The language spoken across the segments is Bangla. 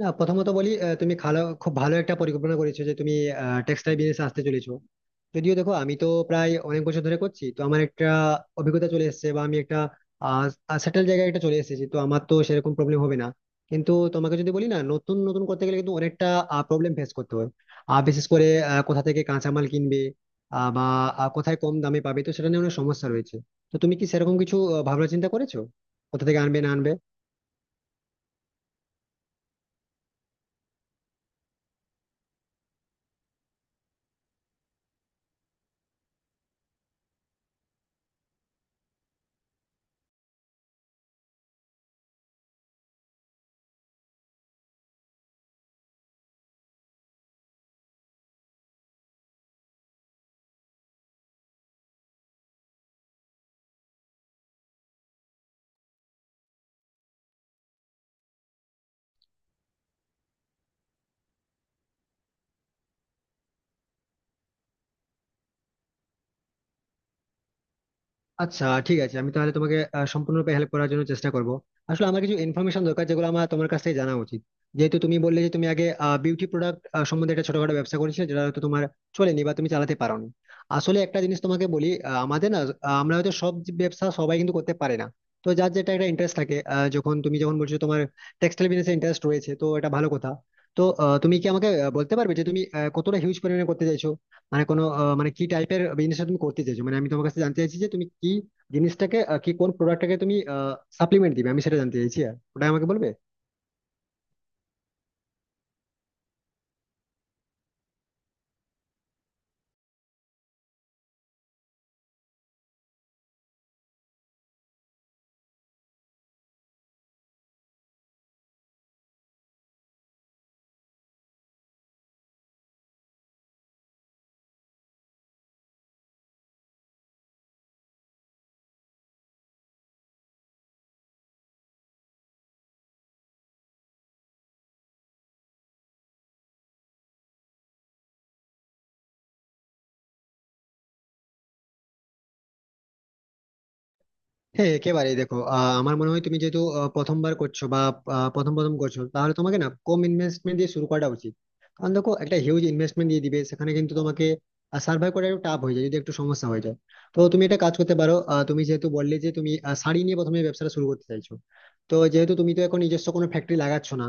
না, প্রথমত বলি তুমি ভালো খুব ভালো একটা পরিকল্পনা করেছো যে তুমি টেক্সটাইল বিজনেসে আসতে চলেছো। যদিও দেখো, আমি তো প্রায় অনেক বছর ধরে করছি, তো আমার একটা অভিজ্ঞতা চলে এসেছে বা আমি একটা সেটেল জায়গায় একটা চলে এসেছি, তো আমার তো সেরকম প্রবলেম হবে না। কিন্তু তোমাকে যদি বলি, না, নতুন নতুন করতে গেলে কিন্তু অনেকটা প্রবলেম ফেস করতে হয়। আর বিশেষ করে কোথা থেকে কাঁচামাল কিনবে, বা কোথায় কম দামে পাবে, তো সেটা নিয়ে অনেক সমস্যা রয়েছে। তো তুমি কি সেরকম কিছু ভাবনা চিন্তা করেছো কোথা থেকে আনবে না আনবে? আচ্ছা ঠিক আছে, আমি তাহলে তোমাকে সম্পূর্ণরূপে হেল্প করার জন্য চেষ্টা করব। আসলে আমার কিছু ইনফরমেশন দরকার যেগুলো আমার তোমার কাছ থেকে জানা উচিত। যেহেতু তুমি বললে যে তুমি আগে বিউটি প্রোডাক্ট সম্বন্ধে একটা ছোটখাটো ব্যবসা করেছিলে, যেটা হয়তো তোমার চলেনি বা তুমি চালাতে পারোনি। আসলে একটা জিনিস তোমাকে বলি, আমাদের না, আমরা হয়তো সব, যে ব্যবসা সবাই কিন্তু করতে পারে না। তো যার যেটা একটা ইন্টারেস্ট থাকে, যখন তুমি বলছো তোমার টেক্সটাইল বিজনেসে ইন্টারেস্ট রয়েছে, তো এটা ভালো কথা। তো তুমি কি আমাকে বলতে পারবে যে তুমি কতটা হিউজ পরিমাণে করতে চাইছো? মানে কোনো মানে কি টাইপের বিজনেসটা তুমি করতে চাইছো, মানে আমি তোমার কাছে জানতে চাইছি যে তুমি কি জিনিসটাকে আহ, কি কোন প্রোডাক্টটাকে তুমি সাপ্লিমেন্ট দিবে, আমি সেটা জানতে চাইছি, আর ওটা আমাকে বলবে। হ্যাঁ একেবারেই, দেখো আমার মনে হয় তুমি যেহেতু প্রথমবার করছো বা প্রথম প্রথম করছো, তাহলে তোমাকে না কম ইনভেস্টমেন্ট দিয়ে শুরু করাটা উচিত। কারণ দেখো, একটা হিউজ ইনভেস্টমেন্ট দিয়ে দিবে সেখানে কিন্তু তোমাকে সার্ভাইভ করা একটু টাফ হয়ে যায় যদি একটু সমস্যা হয়ে যায়। তো তুমি একটা কাজ করতে পারো, তুমি যেহেতু বললে যে তুমি শাড়ি নিয়ে প্রথমে ব্যবসাটা শুরু করতে চাইছো, তো যেহেতু তুমি তো এখন নিজস্ব কোনো ফ্যাক্টরি লাগাচ্ছ না,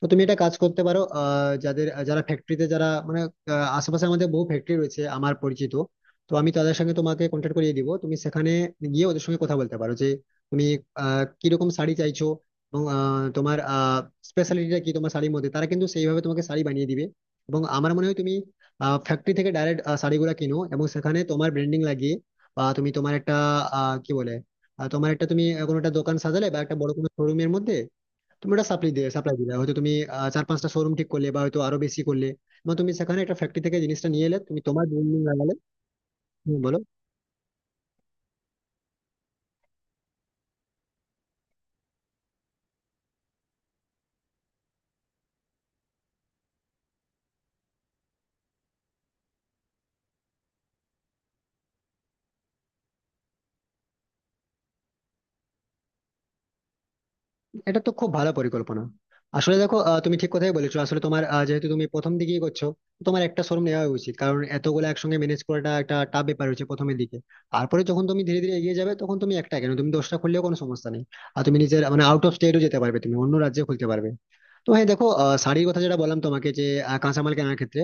তো তুমি একটা কাজ করতে পারো, যাদের যারা ফ্যাক্টরিতে যারা মানে আশেপাশে আমাদের বহু ফ্যাক্টরি রয়েছে আমার পরিচিত। তো আমি তাদের সঙ্গে তোমাকে কন্ট্যাক্ট করিয়ে দিব, তুমি সেখানে গিয়ে ওদের সঙ্গে কথা বলতে পারো যে তুমি কিরকম শাড়ি চাইছো এবং তোমার স্পেশালিটিটা কি তোমার শাড়ির মধ্যে, তারা কিন্তু সেইভাবে তোমাকে শাড়ি বানিয়ে দিবে। এবং আমার মনে হয় তুমি ফ্যাক্টরি থেকে ডাইরেক্ট শাড়িগুলো কিনো এবং সেখানে তোমার ব্র্যান্ডিং লাগিয়ে, বা তুমি তোমার একটা আহ, কি বলে আহ, তোমার একটা তুমি কোনো একটা দোকান সাজালে বা একটা বড় কোনো শোরুমের মধ্যে তুমি ওটা সাপ্লাই দিলে, হয়তো তুমি চার পাঁচটা শোরুম ঠিক করলে বা হয়তো আরো বেশি করলে, এবং তুমি সেখানে একটা ফ্যাক্টরি থেকে জিনিসটা নিয়ে এলে তুমি তোমার ব্র্যান্ডিং লাগালে। হুম, বলো। এটা তো খুব ভালো পরিকল্পনা। আসলে দেখো তুমি ঠিক কথাই বলেছো, আসলে তোমার যেহেতু তুমি প্রথম দিকেই করছো, তো তোমার একটা শোরুম নেওয়া উচিত, কারণ এতগুলো একসঙ্গে ম্যানেজ করাটা একটা টাফ ব্যাপার হচ্ছে প্রথমের দিকে। তারপরে যখন তুমি ধীরে ধীরে এগিয়ে যাবে, তখন তুমি একটা কেন, তুমি 10টা খুললেও কোনো সমস্যা নেই। আর তুমি নিজের মানে আউট অফ স্টেটও যেতে পারবে, তুমি অন্য রাজ্যে খুলতে পারবে। তো হ্যাঁ, দেখো শাড়ির কথা যেটা বললাম তোমাকে যে কাঁচামাল কেনার ক্ষেত্রে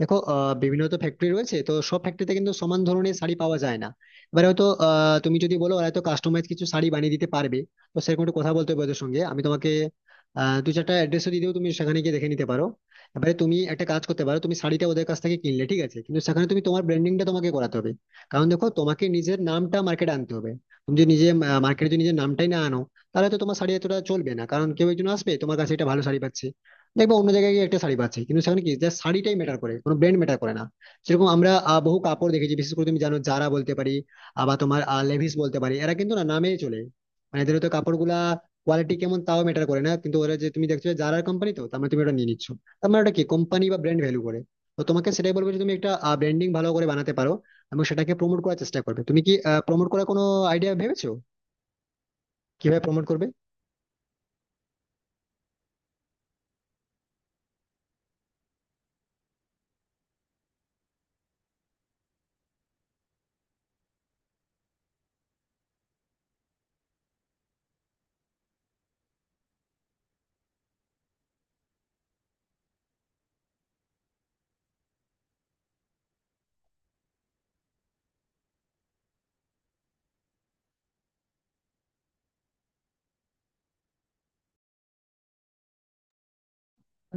দেখো বিভিন্ন তো ফ্যাক্টরি রয়েছে, তো সব ফ্যাক্টরিতে কিন্তু সমান ধরনের শাড়ি পাওয়া যায় না। এবারে হয়তো তুমি যদি বলো, ওরা হয়তো কাস্টমাইজ কিছু শাড়ি বানিয়ে দিতে পারবে, তো সেরকম একটু কথা বলতে হবে ওদের সঙ্গে। আমি তোমাকে দু চারটা অ্যাড্রেসও দিয়ে দেবো, তুমি সেখানে গিয়ে দেখে নিতে পারো। এবারে তুমি একটা কাজ করতে পারো, তুমি শাড়িটা ওদের কাছ থেকে কিনলে ঠিক আছে, কিন্তু সেখানে তুমি তোমার ব্র্যান্ডিংটা তোমাকে করাতে হবে। কারণ দেখো তোমাকে নিজের নামটা মার্কেটে আনতে হবে। তুমি যদি নিজে মার্কেটে যদি নিজের নামটাই না আনো, তাহলে তো তোমার শাড়ি এতটা চলবে না, কারণ কেউ একজন আসবে তোমার কাছে, একটা ভালো শাড়ি পাচ্ছে, দেখবো অন্য জায়গায় গিয়ে একটা শাড়ি পাচ্ছে, কিন্তু সেখানে কি জাস্ট শাড়িটাই ম্যাটার করে, কোনো ব্র্যান্ড ম্যাটার করে না। সেরকম আমরা বহু কাপড় দেখেছি, বিশেষ করে তুমি জানো জারা বলতে পারি, আবার তোমার লেভিস বলতে পারি, এরা কিন্তু না নামে চলে। মানে এদের তো কাপড়গুলা কোয়ালিটি কেমন তাও ম্যাটার করে না, কিন্তু ওরা যে তুমি দেখছো যে জারার কোম্পানি, তো তার মানে তুমি ওটা নিয়ে নিচ্ছ, তার মানে ওটা কি কোম্পানি বা ব্র্যান্ড ভ্যালু করে। তো তোমাকে সেটাই বলবো যে তুমি একটা ব্র্যান্ডিং ভালো করে বানাতে পারো এবং সেটাকে প্রমোট করার চেষ্টা করবে। তুমি কি প্রমোট করার কোনো আইডিয়া ভেবেছো? কিভাবে প্রমোট করবে?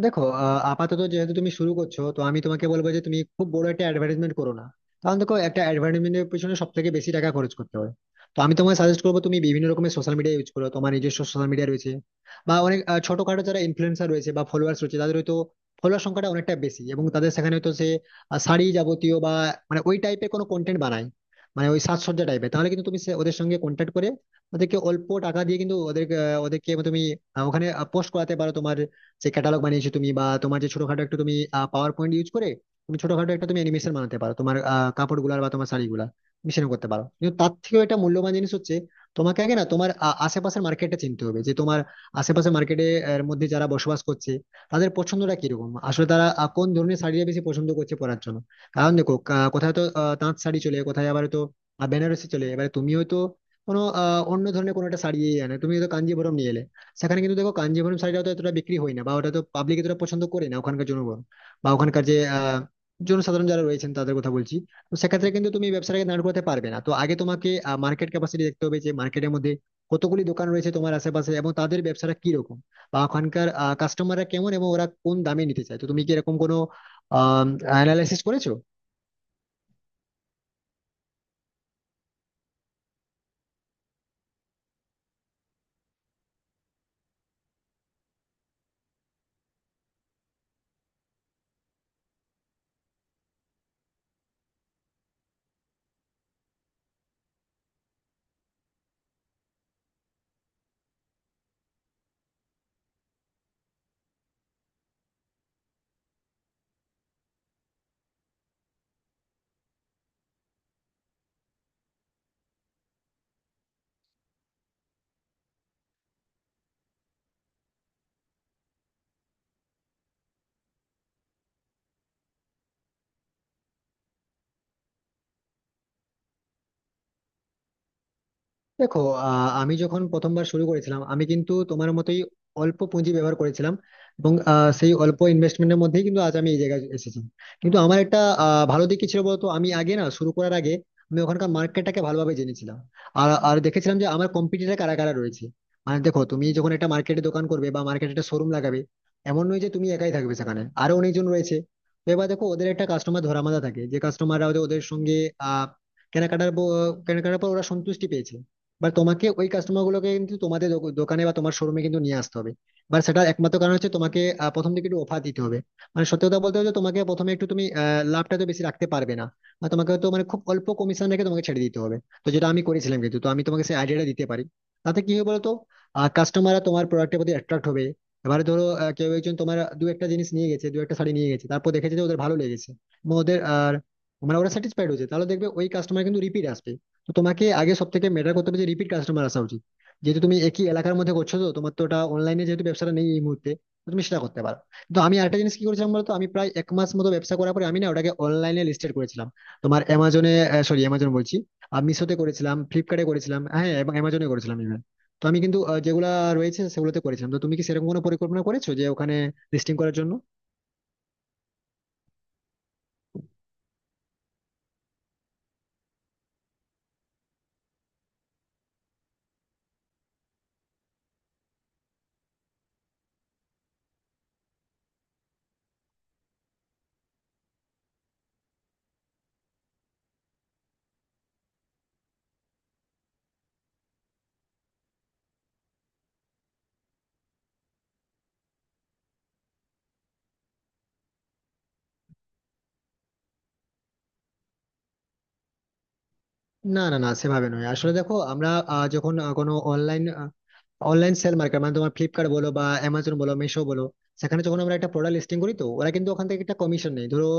দেখো আপাতত যেহেতু তুমি শুরু করছো, তো আমি তোমাকে বলবো যে তুমি খুব বড় একটা অ্যাডভার্টাইজমেন্ট করো না, কারণ দেখো একটা অ্যাডভার্টাইজমেন্টের পিছনে সব থেকে বেশি টাকা খরচ করতে হয়। তো আমি তোমাকে সাজেস্ট করবো তুমি বিভিন্ন রকমের সোশ্যাল মিডিয়া ইউজ করো, তোমার নিজস্ব সোশ্যাল মিডিয়া রয়েছে, বা অনেক ছোটখাটো যারা ইনফ্লুয়েন্সার রয়েছে বা ফলোয়ার্স রয়েছে, তাদের হয়তো ফলোয়ার সংখ্যাটা অনেকটা বেশি, এবং তাদের সেখানে হয়তো সে শাড়ি যাবতীয় বা মানে ওই টাইপের কোনো কন্টেন্ট বানায়, মানে ওই সাজসজ্জা টাইপের, তাহলে কিন্তু তুমি ওদের সঙ্গে কন্ট্যাক্ট করে ওদেরকে অল্প টাকা দিয়ে কিন্তু ওদের ওদেরকে তুমি ওখানে পোস্ট করাতে পারো, তোমার যে ক্যাটালগ বানিয়েছো তুমি, বা তোমার যে ছোটখাটো একটু তুমি পাওয়ার পয়েন্ট ইউজ করে তুমি ছোটখাটো একটা তুমি অ্যানিমেশন বানাতে পারো তোমার কাপড় গুলার বা তোমার শাড়ি গুলা মিশন করতে পারো। কিন্তু তার থেকেও এটা মূল্যবান জিনিস হচ্ছে, তোমাকে আগে না তোমার আশেপাশের মার্কেটটা চিনতে হবে, যে তোমার আশেপাশের মার্কেটের মধ্যে যারা বসবাস করছে তাদের পছন্দটা কিরকম, আসলে তারা কোন ধরনের শাড়িটা বেশি পছন্দ করছে পরার জন্য। কারণ দেখো কোথায় তো তাঁত শাড়ি চলে, কোথায় আবার তো বেনারসি চলে। এবারে তুমি হয়তো কোনো অন্য ধরনের কোনো একটা শাড়ি এনে তুমি হয়তো কাঞ্জিভরম নিয়ে এলে, সেখানে কিন্তু দেখো কাঞ্জিভরম শাড়িটা তো এতটা বিক্রি হয় না, বা ওটা তো পাবলিক এতটা পছন্দ করে না ওখানকার জনগণ, বা ওখানকার যে জনসাধারণ যারা রয়েছেন তাদের কথা বলছি। তো সেক্ষেত্রে কিন্তু তুমি এই ব্যবসাটাকে দাঁড় করাতে পারবে না, তো আগে তোমাকে মার্কেট ক্যাপাসিটি দেখতে হবে, যে মার্কেটের মধ্যে কতগুলি দোকান রয়েছে তোমার আশেপাশে এবং তাদের ব্যবসাটা কি রকম, বা ওখানকার কাস্টমাররা কেমন এবং ওরা কোন দামে নিতে চায়। তো তুমি কি এরকম কোনো আহ অ্যানালাইসিস করেছো? দেখো আমি যখন প্রথমবার শুরু করেছিলাম, আমি কিন্তু তোমার মতোই অল্প পুঁজি ব্যবহার করেছিলাম, এবং সেই অল্প ইনভেস্টমেন্টের মধ্যেই কিন্তু আজ আমি এই জায়গায় এসেছি। কিন্তু আমার একটা ভালো দিক কি ছিল বলতো, আমি আগে না, শুরু করার আগে আমি ওখানকার মার্কেটটাকে ভালোভাবে জেনেছিলাম, আর আর দেখেছিলাম যে আমার কম্পিটিটর কারা কারা রয়েছে। মানে দেখো তুমি যখন একটা মার্কেটে দোকান করবে বা মার্কেটে একটা শোরুম লাগাবে, এমন নয় যে তুমি একাই থাকবে, সেখানে আরো অনেকজন রয়েছে। তো এবার দেখো, ওদের একটা কাস্টমার ধরা বাঁধা থাকে, যে কাস্টমাররা ওদের ওদের সঙ্গে আহ কেনাকাটার কেনাকাটার পর ওরা সন্তুষ্টি পেয়েছে, বা তোমাকে ওই কাস্টমার গুলোকে কিন্তু তোমাদের দোকানে বা তোমার শোরুমে কিন্তু নিয়ে আসতে হবে, বা সেটা একমাত্র কারণ হচ্ছে তোমাকে প্রথম দিকে একটু অফার দিতে হবে। মানে সত্যি কথা বলতে হচ্ছে তোমাকে প্রথমে একটু তুমি লাভটা তো বেশি রাখতে পারবে না, বা তোমাকে তো মানে খুব অল্প কমিশন রেখে তোমাকে ছেড়ে দিতে হবে। তো যেটা আমি করেছিলাম কিন্তু, তো আমি তোমাকে সেই আইডিয়াটা দিতে পারি। তাতে কি হবে বলতো, কাস্টমাররা তোমার প্রোডাক্টের প্রতি অ্যাট্রাক্ট হবে। এবারে ধরো কেউ একজন তোমার দু একটা জিনিস নিয়ে গেছে, দু একটা শাড়ি নিয়ে গেছে, তারপর দেখেছে যে ওদের ভালো লেগেছে এবং ওদের আর মানে ওরা স্যাটিসফাইড হয়েছে, তাহলে দেখবে ওই কাস্টমার কিন্তু রিপিট আসবে। তো তোমাকে আগে সব থেকে ম্যাটার করতে হবে যে রিপিট কাস্টমার আসা উচিত। যেহেতু তুমি একই এলাকার মধ্যে করছো, তো তোমার তো ওটা অনলাইনে যেহেতু ব্যবসাটা নেই এই মুহূর্তে, তো তুমি সেটা করতে পারো। তো আমি আরেকটা জিনিস কি করেছিলাম বলতো, আমি প্রায় 1 মাস মতো ব্যবসা করার পরে আমি না ওটাকে অনলাইনে লিস্টেড করেছিলাম তোমার অ্যামাজনে, সরি অ্যামাজন বলছি, আমি মিশোতে করেছিলাম, ফ্লিপকার্টে করেছিলাম, হ্যাঁ, এবং অ্যামাজনে করেছিলাম even। তো আমি কিন্তু যেগুলা রয়েছে সেগুলোতে করেছিলাম। তো তুমি কি সেরকম কোনো পরিকল্পনা করেছো যে ওখানে লিস্টিং করার জন্য? না না না, সেভাবে নয়। আসলে দেখো আমরা যখন কোনো অনলাইন অনলাইন সেল মার্কেট, মানে তোমার ফ্লিপকার্ট বলো বা অ্যামাজন বলো মিশো বলো, সেখানে যখন আমরা একটা প্রোডাক্ট লিস্টিং করি, তো ওরা কিন্তু ওখান থেকে একটা কমিশন নেই। ধরো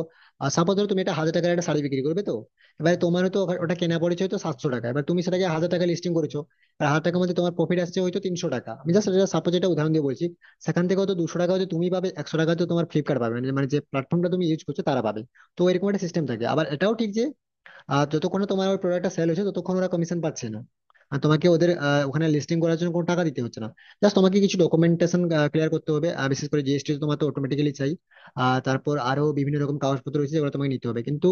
সাপোজ ধরো তুমি একটা 1000 টাকার একটা শাড়ি বিক্রি করবে, তো এবারে তোমার তো ওটা কেনা পড়েছে হয়তো 700 টাকা, এবার তুমি সেটাকে 1000 টাকা লিস্টিং করেছো, আর 1000 টাকার মধ্যে তোমার প্রফিট আসছে হয়তো 300 টাকা। আমি জাস্ট এটা সাপোজ, এটা উদাহরণ দিয়ে বলছি। সেখান থেকে হয়তো 200 টাকা হয়তো তুমি পাবে, 100 টাকা হয়তো তোমার ফ্লিপকার্ট পাবে, মানে মানে যে প্ল্যাটফর্মটা তুমি ইউজ করছো তারা পাবে। তো এরকম একটা সিস্টেম থাকে। আবার এটাও ঠিক যে যতক্ষণ না তোমার প্রোডাক্টটা সেল হচ্ছে ততক্ষণ ওরা কমিশন পাচ্ছে না, আর তোমাকে ওদের ওখানে লিস্টিং করার জন্য কোনো টাকা দিতে হচ্ছে না। জাস্ট তোমাকে কিছু ডকুমেন্টেশন ক্লিয়ার করতে হবে, আর বিশেষ করে জিএসটি তোমার তো অটোমেটিক্যালি চাই। আর তারপর আরো বিভিন্ন রকম কাগজপত্র রয়েছে যেগুলো তোমাকে নিতে হবে, কিন্তু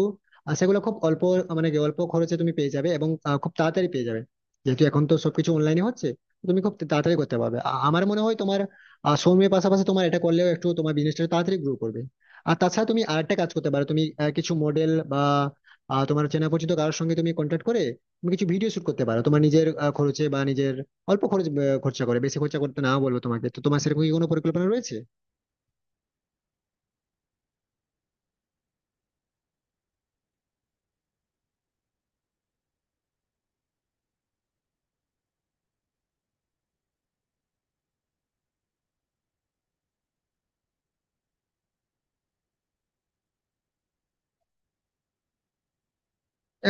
সেগুলো খুব অল্প, মানে কি, অল্প খরচে তুমি পেয়ে যাবে এবং খুব তাড়াতাড়ি পেয়ে যাবে, যেহেতু এখন তো সবকিছু অনলাইনে হচ্ছে তুমি খুব তাড়াতাড়ি করতে পারবে। আমার মনে হয় তোমার সময়ের পাশাপাশি তোমার এটা করলেও একটু তোমার বিজনেসটা তাড়াতাড়ি গ্রো করবে। আর তাছাড়া তুমি আরেকটা কাজ করতে পারো, তুমি কিছু মডেল বা তোমার চেনা পরিচিত কারোর সঙ্গে তুমি কন্ট্যাক্ট করে তুমি কিছু ভিডিও শুট করতে পারো তোমার নিজের খরচে বা নিজের অল্প খরচ, খরচা করে বেশি খরচা করতে না বলবো তোমাকে। তো তোমার সেরকম কি কোনো পরিকল্পনা রয়েছে?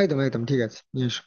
একদম একদম ঠিক আছে, নিয়ে এসো।